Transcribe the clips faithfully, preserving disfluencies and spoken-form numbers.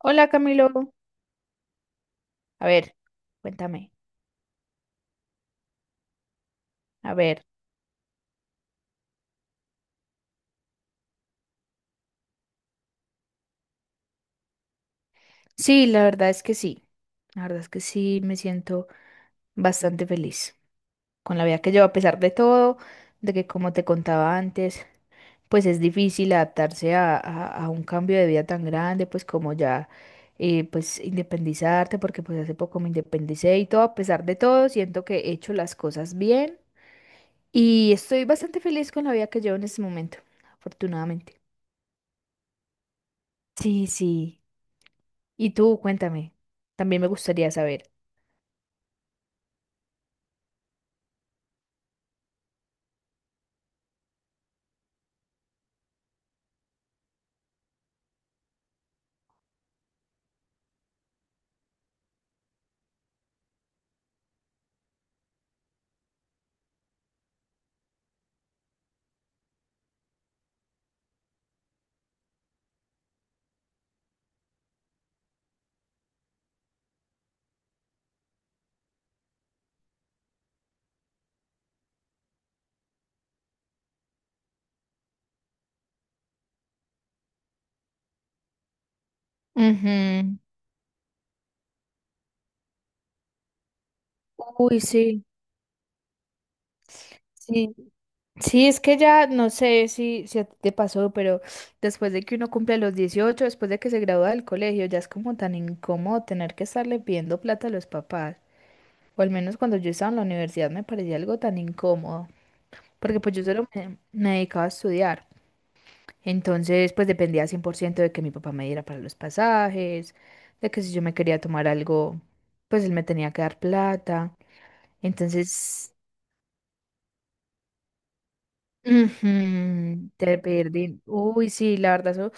Hola, Camilo. A ver, cuéntame. A ver. Sí, la verdad es que sí. La verdad es que sí, me siento bastante feliz con la vida que llevo, a pesar de todo, de que como te contaba antes, pues es difícil adaptarse a, a- a un cambio de vida tan grande, pues como ya, eh, pues independizarte, porque pues hace poco me independicé y todo, a pesar de todo, siento que he hecho las cosas bien y estoy bastante feliz con la vida que llevo en este momento, afortunadamente. Sí, sí. Y tú, cuéntame, también me gustaría saber. Ujú. Uy, sí, sí. Sí, es que ya no sé si, si a ti te pasó, pero después de que uno cumple los dieciocho, después de que se gradúa del colegio, ya es como tan incómodo tener que estarle pidiendo plata a los papás. O al menos cuando yo estaba en la universidad me parecía algo tan incómodo, porque pues yo solo me, me dedicaba a estudiar. Entonces, pues dependía cien por ciento de que mi papá me diera para los pasajes, de que si yo me quería tomar algo, pues él me tenía que dar plata. Entonces, ujú, te perdí. Uy, sí, la verdad, eso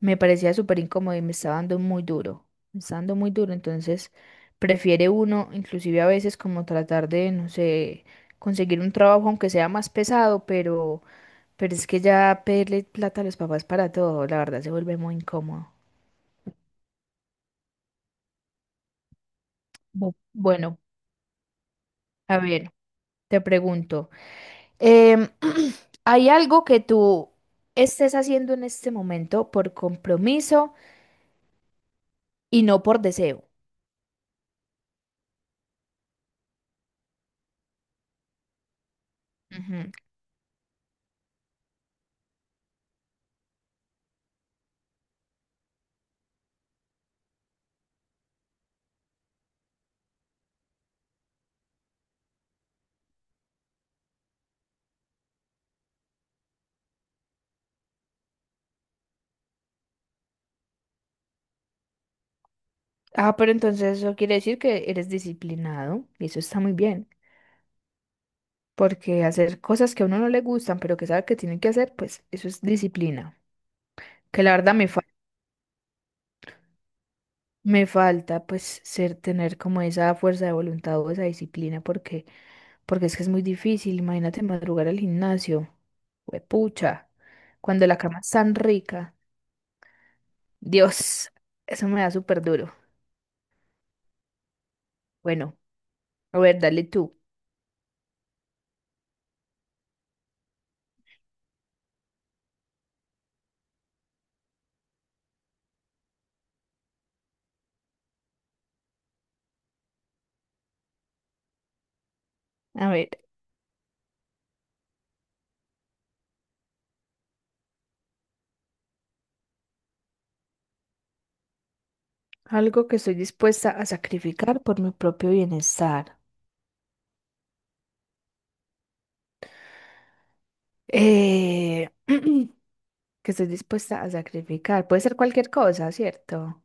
me parecía súper incómodo y me estaba dando muy duro. Me estaba dando muy duro. Entonces, prefiere uno, inclusive a veces, como tratar de, no sé, conseguir un trabajo, aunque sea más pesado, pero, pero es que ya pedirle plata a los papás para todo, la verdad, se vuelve muy incómodo. Bu- Bueno, a ver, te pregunto, em, ¿hay algo que tú estés haciendo en este momento por compromiso y no por deseo? Ujú. Ah, pero entonces eso quiere decir que eres disciplinado y eso está muy bien, porque hacer cosas que a uno no le gustan, pero que sabe que tiene que hacer, pues eso es disciplina, que la verdad me falta. Me falta pues ser, tener como esa fuerza de voluntad o esa disciplina porque, porque es que es muy difícil. Imagínate madrugar al gimnasio. Huepucha. Cuando la cama es tan rica. Dios, eso me da súper duro. Bueno, a ver, dale tú. A ver, algo que estoy dispuesta a sacrificar por mi propio bienestar. Eh, que estoy dispuesta a sacrificar. Puede ser cualquier cosa, ¿cierto?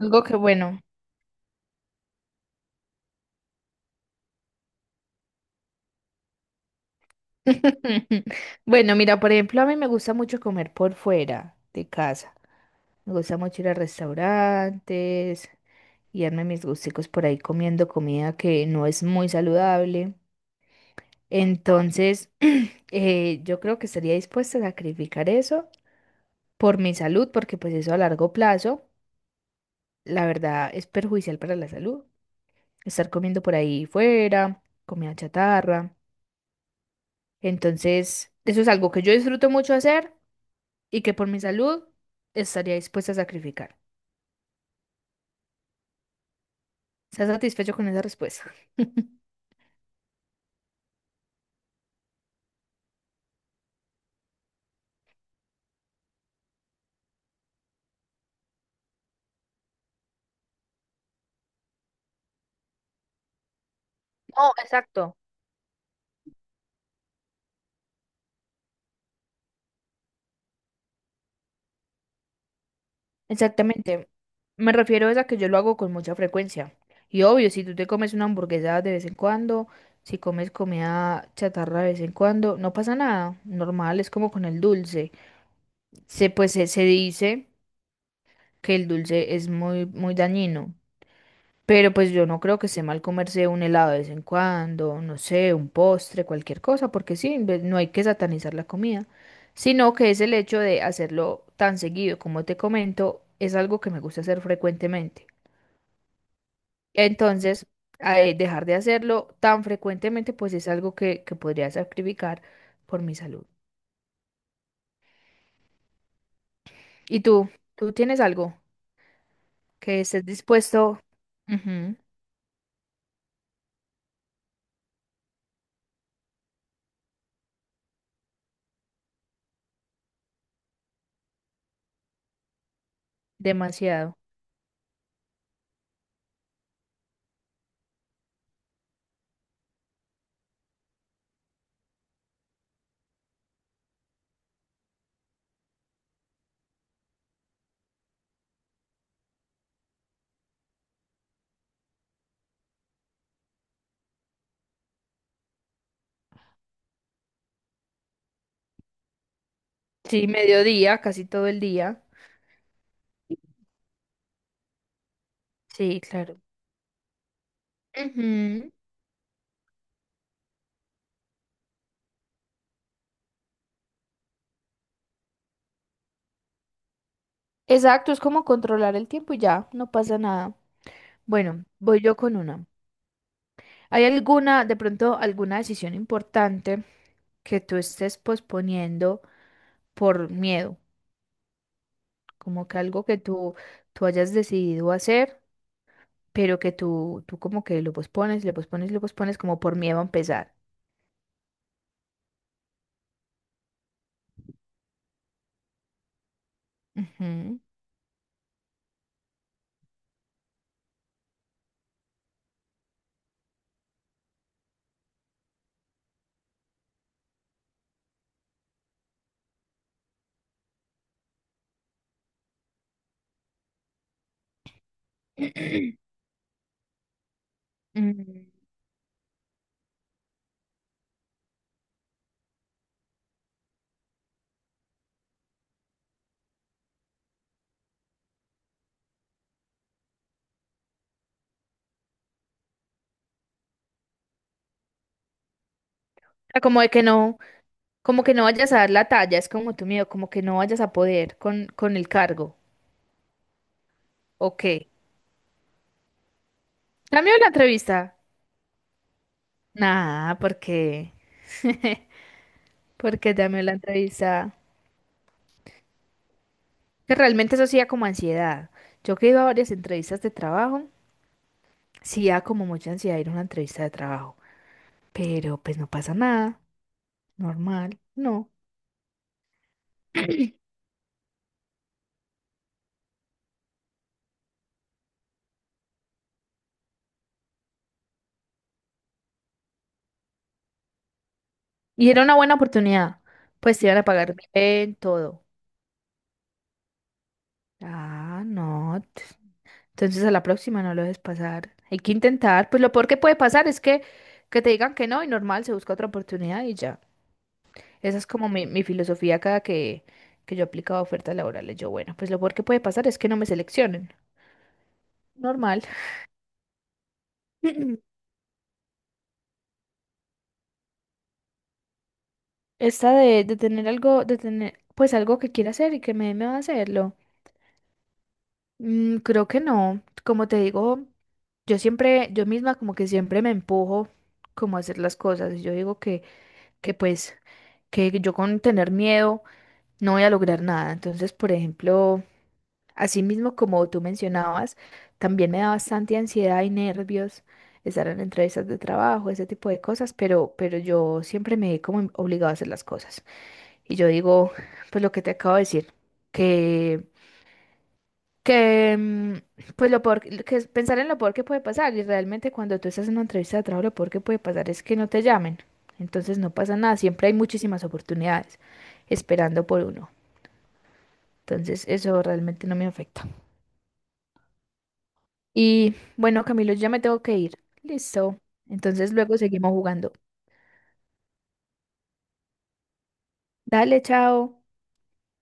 Algo que, bueno. Bueno, mira, por ejemplo, a mí me gusta mucho comer por fuera de casa. Me gusta mucho ir a restaurantes y darme mis gusticos por ahí comiendo comida que no es muy saludable. Entonces, eh, yo creo que estaría dispuesta a sacrificar eso por mi salud, porque pues eso a largo plazo, la verdad, es perjudicial para la salud. Estar comiendo por ahí fuera, comida chatarra. Entonces, eso es algo que yo disfruto mucho hacer y que por mi salud estaría dispuesta a sacrificar. ¿Estás satisfecho con esa respuesta? No, exacto. Exactamente. Me refiero es a que yo lo hago con mucha frecuencia. Y obvio, si tú te comes una hamburguesa de vez en cuando, si comes comida chatarra de vez en cuando, no pasa nada. Normal, es como con el dulce. Se, pues se, se dice que el dulce es muy, muy dañino. Pero pues yo no creo que esté mal comerse un helado de vez en cuando, no sé, un postre, cualquier cosa, porque sí, en vez- no hay que satanizar la comida, sino que es el hecho de hacerlo tan seguido, como te comento, es algo que me gusta hacer frecuentemente. Entonces, a- eh, dejar de hacerlo tan frecuentemente, pues es algo que, que podría sacrificar por mi salud. ¿Y tú? ¿Tú tienes algo que estés dispuesto? Ujú, demasiado. Sí, mediodía, casi todo el día. Sí, claro. Ujú. Exacto, es como controlar el tiempo y ya, no pasa nada. Bueno, voy yo con una. ¿Hay alguna, de pronto, alguna decisión importante que tú estés posponiendo por miedo? Como que algo que tú, tú hayas decidido hacer, pero que tú, tú como que lo pospones, lo pospones, lo pospones como por miedo a empezar. Ujú. Mm, o sea, como de que no, como que no vayas a dar la talla, es como tu miedo, como que no vayas a poder con, con el cargo. Ok. Cambio la entrevista. Nada, porque, porque ya me la entrevista. Que realmente eso sí da como ansiedad. Yo que he ido a varias entrevistas de trabajo, sí da como mucha ansiedad ir a una entrevista de trabajo. Pero pues no pasa nada, normal, no. Y era una buena oportunidad. Pues te iban a pagar bien, todo. Ah, no. t- Entonces a la próxima no lo dejes pasar. Hay que intentar. Pues lo peor que puede pasar es que, que te digan que no y normal, se busca otra oportunidad y ya. Esa es como mi, mi filosofía cada que, que yo aplicaba ofertas laborales. Yo, bueno, pues lo peor que puede pasar es que no me seleccionen. Normal. Esta de, de tener algo, de tener pues algo que quiera hacer y que me, me va a hacerlo. Mm, creo que no. Como te digo, yo siempre, yo misma como que siempre me empujo como a hacer las cosas. Y yo digo que, que pues, que yo con tener miedo no voy a lograr nada. Entonces, por ejemplo. Asimismo, como tú mencionabas, también me da bastante ansiedad y nervios estar en entrevistas de trabajo, ese tipo de cosas, pero, pero yo siempre me he como obligado a hacer las cosas. Y yo digo, pues lo que te acabo de decir, que, que, mm, pues lo peor, que es pensar en lo peor que puede pasar. Y realmente cuando tú estás en una entrevista de trabajo, lo peor que puede pasar es que no te llamen. Entonces no pasa nada, siempre hay muchísimas oportunidades esperando por uno. Entonces eso realmente no me afecta. Y bueno, Camilo, ya me tengo que ir. Listo. Entonces luego seguimos jugando. Dale, chao.